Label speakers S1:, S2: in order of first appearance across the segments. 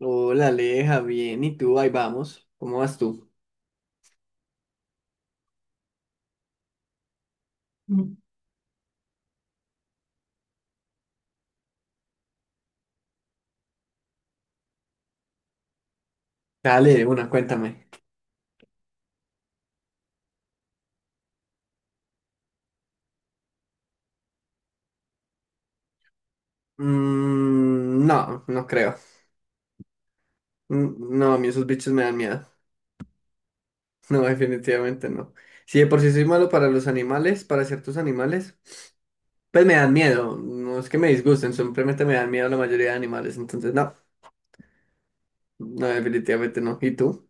S1: Hola, Aleja, bien. ¿Y tú? Ahí vamos. ¿Cómo vas tú? Mm. Dale, de una, cuéntame. Mm, no, no creo. Mm, no, a mí esos bichos me dan miedo. No, definitivamente no. Si de por sí soy malo para los animales, para ciertos animales, pues me dan miedo. No es que me disgusten, simplemente me dan miedo la mayoría de animales. Entonces, no, no, definitivamente no. ¿Y tú?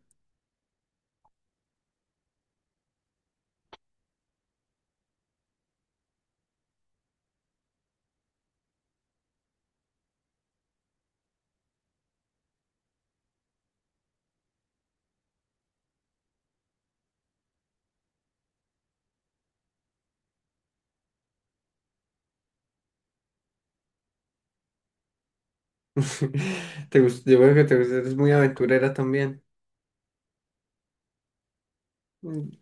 S1: Te gusta, yo veo que te gusta, eres muy aventurera también. Mm.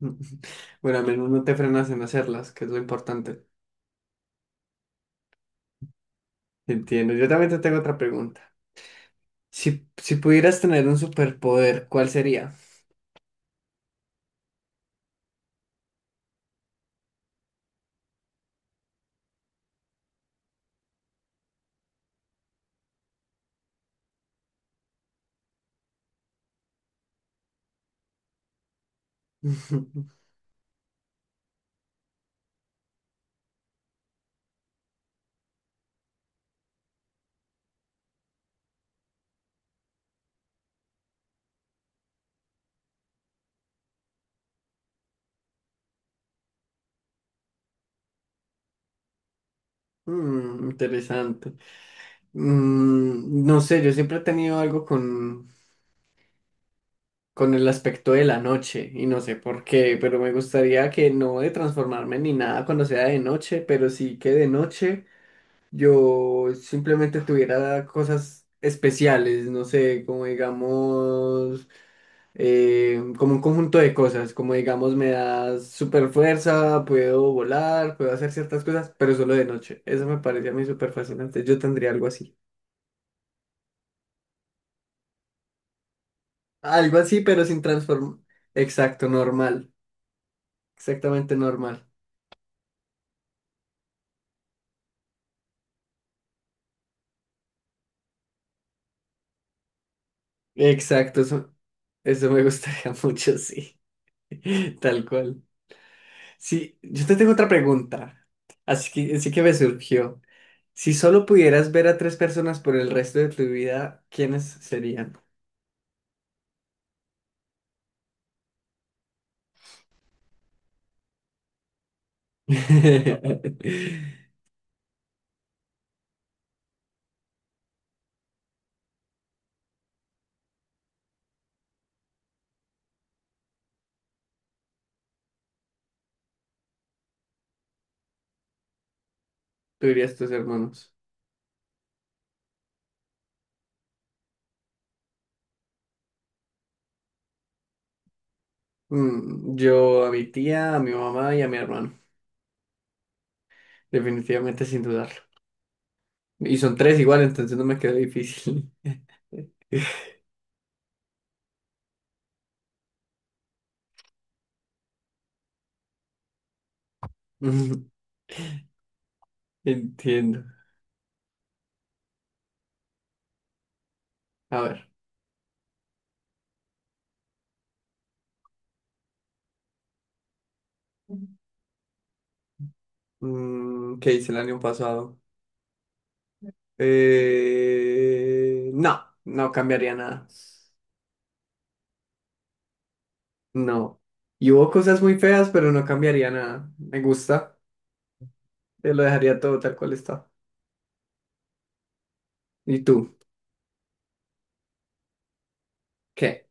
S1: Mm. Bueno, al menos no te frenas en hacerlas, que es lo importante. Entiendo. Yo también te tengo otra pregunta. Si, si pudieras tener un superpoder, ¿cuál sería? Mm, interesante. No sé, yo siempre he tenido algo con el aspecto de la noche y no sé por qué, pero me gustaría que no de transformarme ni nada cuando sea de noche, pero sí que de noche yo simplemente tuviera cosas especiales, no sé, como digamos, como un conjunto de cosas, como digamos me da super fuerza, puedo volar, puedo hacer ciertas cosas, pero solo de noche. Eso me parece a mí súper fascinante. Yo tendría algo así. Algo así, pero sin transformar. Exacto, normal. Exactamente normal. Exacto, eso me gustaría mucho, sí. Tal cual. Sí, yo te tengo otra pregunta. Así que me surgió. Si solo pudieras ver a tres personas por el resto de tu vida, ¿quiénes serían? Tú dirías tus hermanos. Mm, yo a mi tía, a mi mamá y a mi hermano. Definitivamente sin dudarlo. Y son tres igual, entonces no me quedó difícil. Mm, entiendo. A ver. Mm, ¿qué hice el año pasado? No, no cambiaría nada. No. Y hubo cosas muy feas, pero no cambiaría nada. Me gusta. Te lo dejaría todo tal cual está. ¿Y tú? ¿Qué?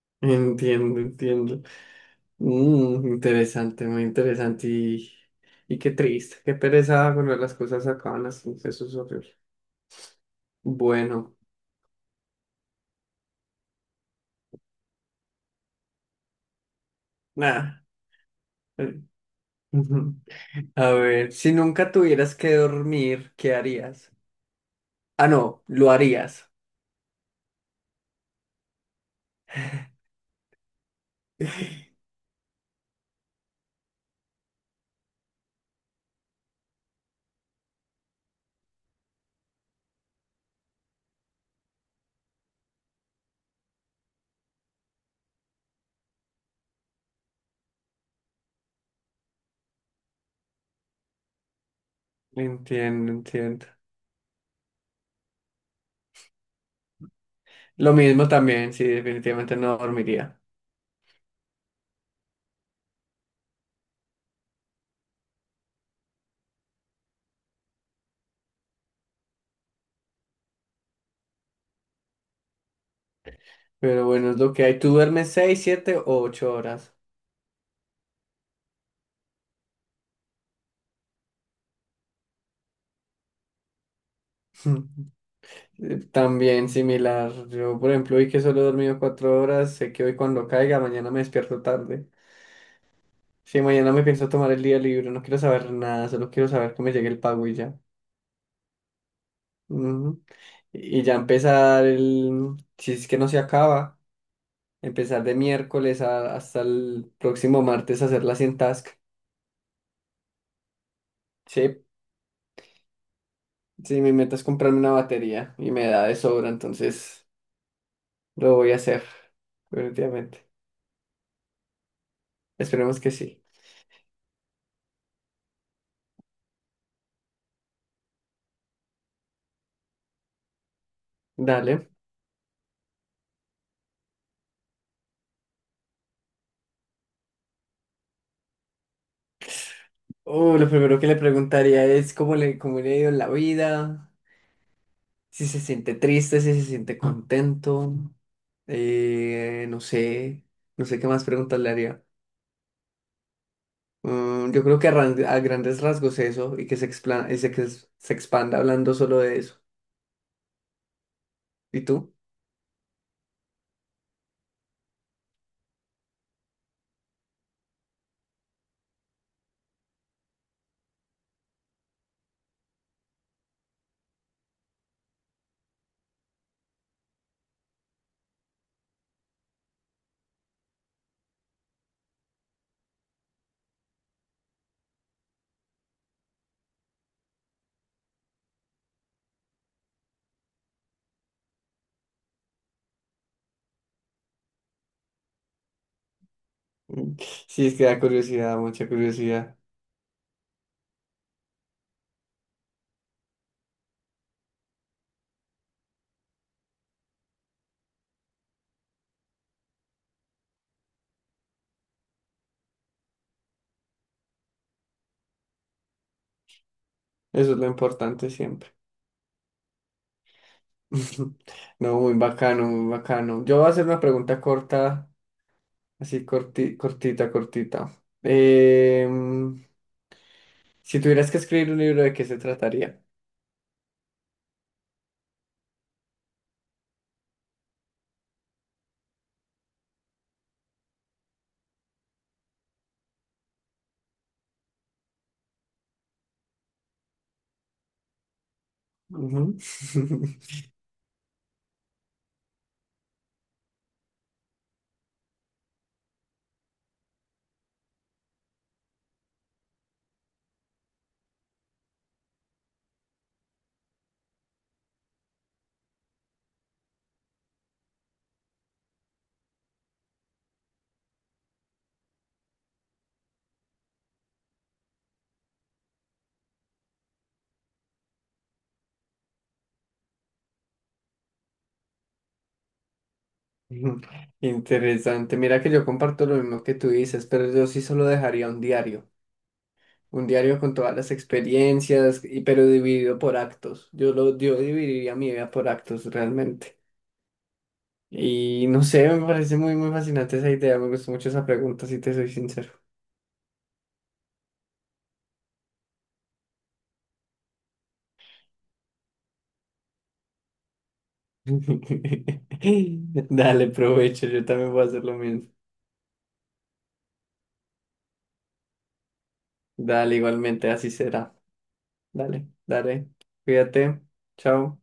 S1: Entiendo, entiendo. Mm, interesante, muy interesante y qué triste, qué pereza cuando las cosas acaban así, eso es horrible. Bueno, nada. eh, Ujú. A ver, si nunca tuvieras que dormir, ¿qué harías? Ah, no, lo harías. Entiendo, entiendo. Lo mismo también, sí, definitivamente no dormiría. Pero bueno, es lo que hay. ¿Tú duermes seis, siete o ocho horas? También similar. Yo, por ejemplo, hoy que solo he dormido cuatro horas, sé que hoy cuando caiga, mañana me despierto tarde. Si mañana me pienso tomar el día libre, no quiero saber nada, solo quiero saber que me llegue el pago y ya. Ujú. Y ya empezar el, si es que no se acaba, empezar de miércoles hasta el próximo martes a hacer la 100 task. Sí, sí, mi meta es comprarme una batería y me da de sobra, entonces lo voy a hacer, definitivamente. Esperemos que sí. Dale. Lo primero que le preguntaría es cómo le ha ido en la vida, si se siente triste, si se siente contento, no sé, no sé qué más preguntas le haría. Mm, yo creo que a, a grandes rasgos eso y que se, ese que se expanda hablando solo de eso. ¿Y tú? Mm, sí, es que da curiosidad, mucha curiosidad. Eso es lo importante siempre. No, muy bacano, muy bacano. Yo voy a hacer una pregunta corta, así cortita, cortita. Em, Si tuvieras que escribir un libro, ¿de qué se trataría? Ujú. Interesante. Mira que yo comparto lo mismo que tú dices, pero yo sí solo dejaría un diario. Un diario con todas las experiencias, y, pero dividido por actos. Yo lo, yo dividiría mi vida por actos realmente. Y no sé, me parece muy, muy fascinante esa idea. Me gustó mucho esa pregunta, si te soy sincero. Dale, provecho. Yo también voy a hacer lo mismo. Dale, igualmente, así será. Dale, dale. Cuídate. Chao.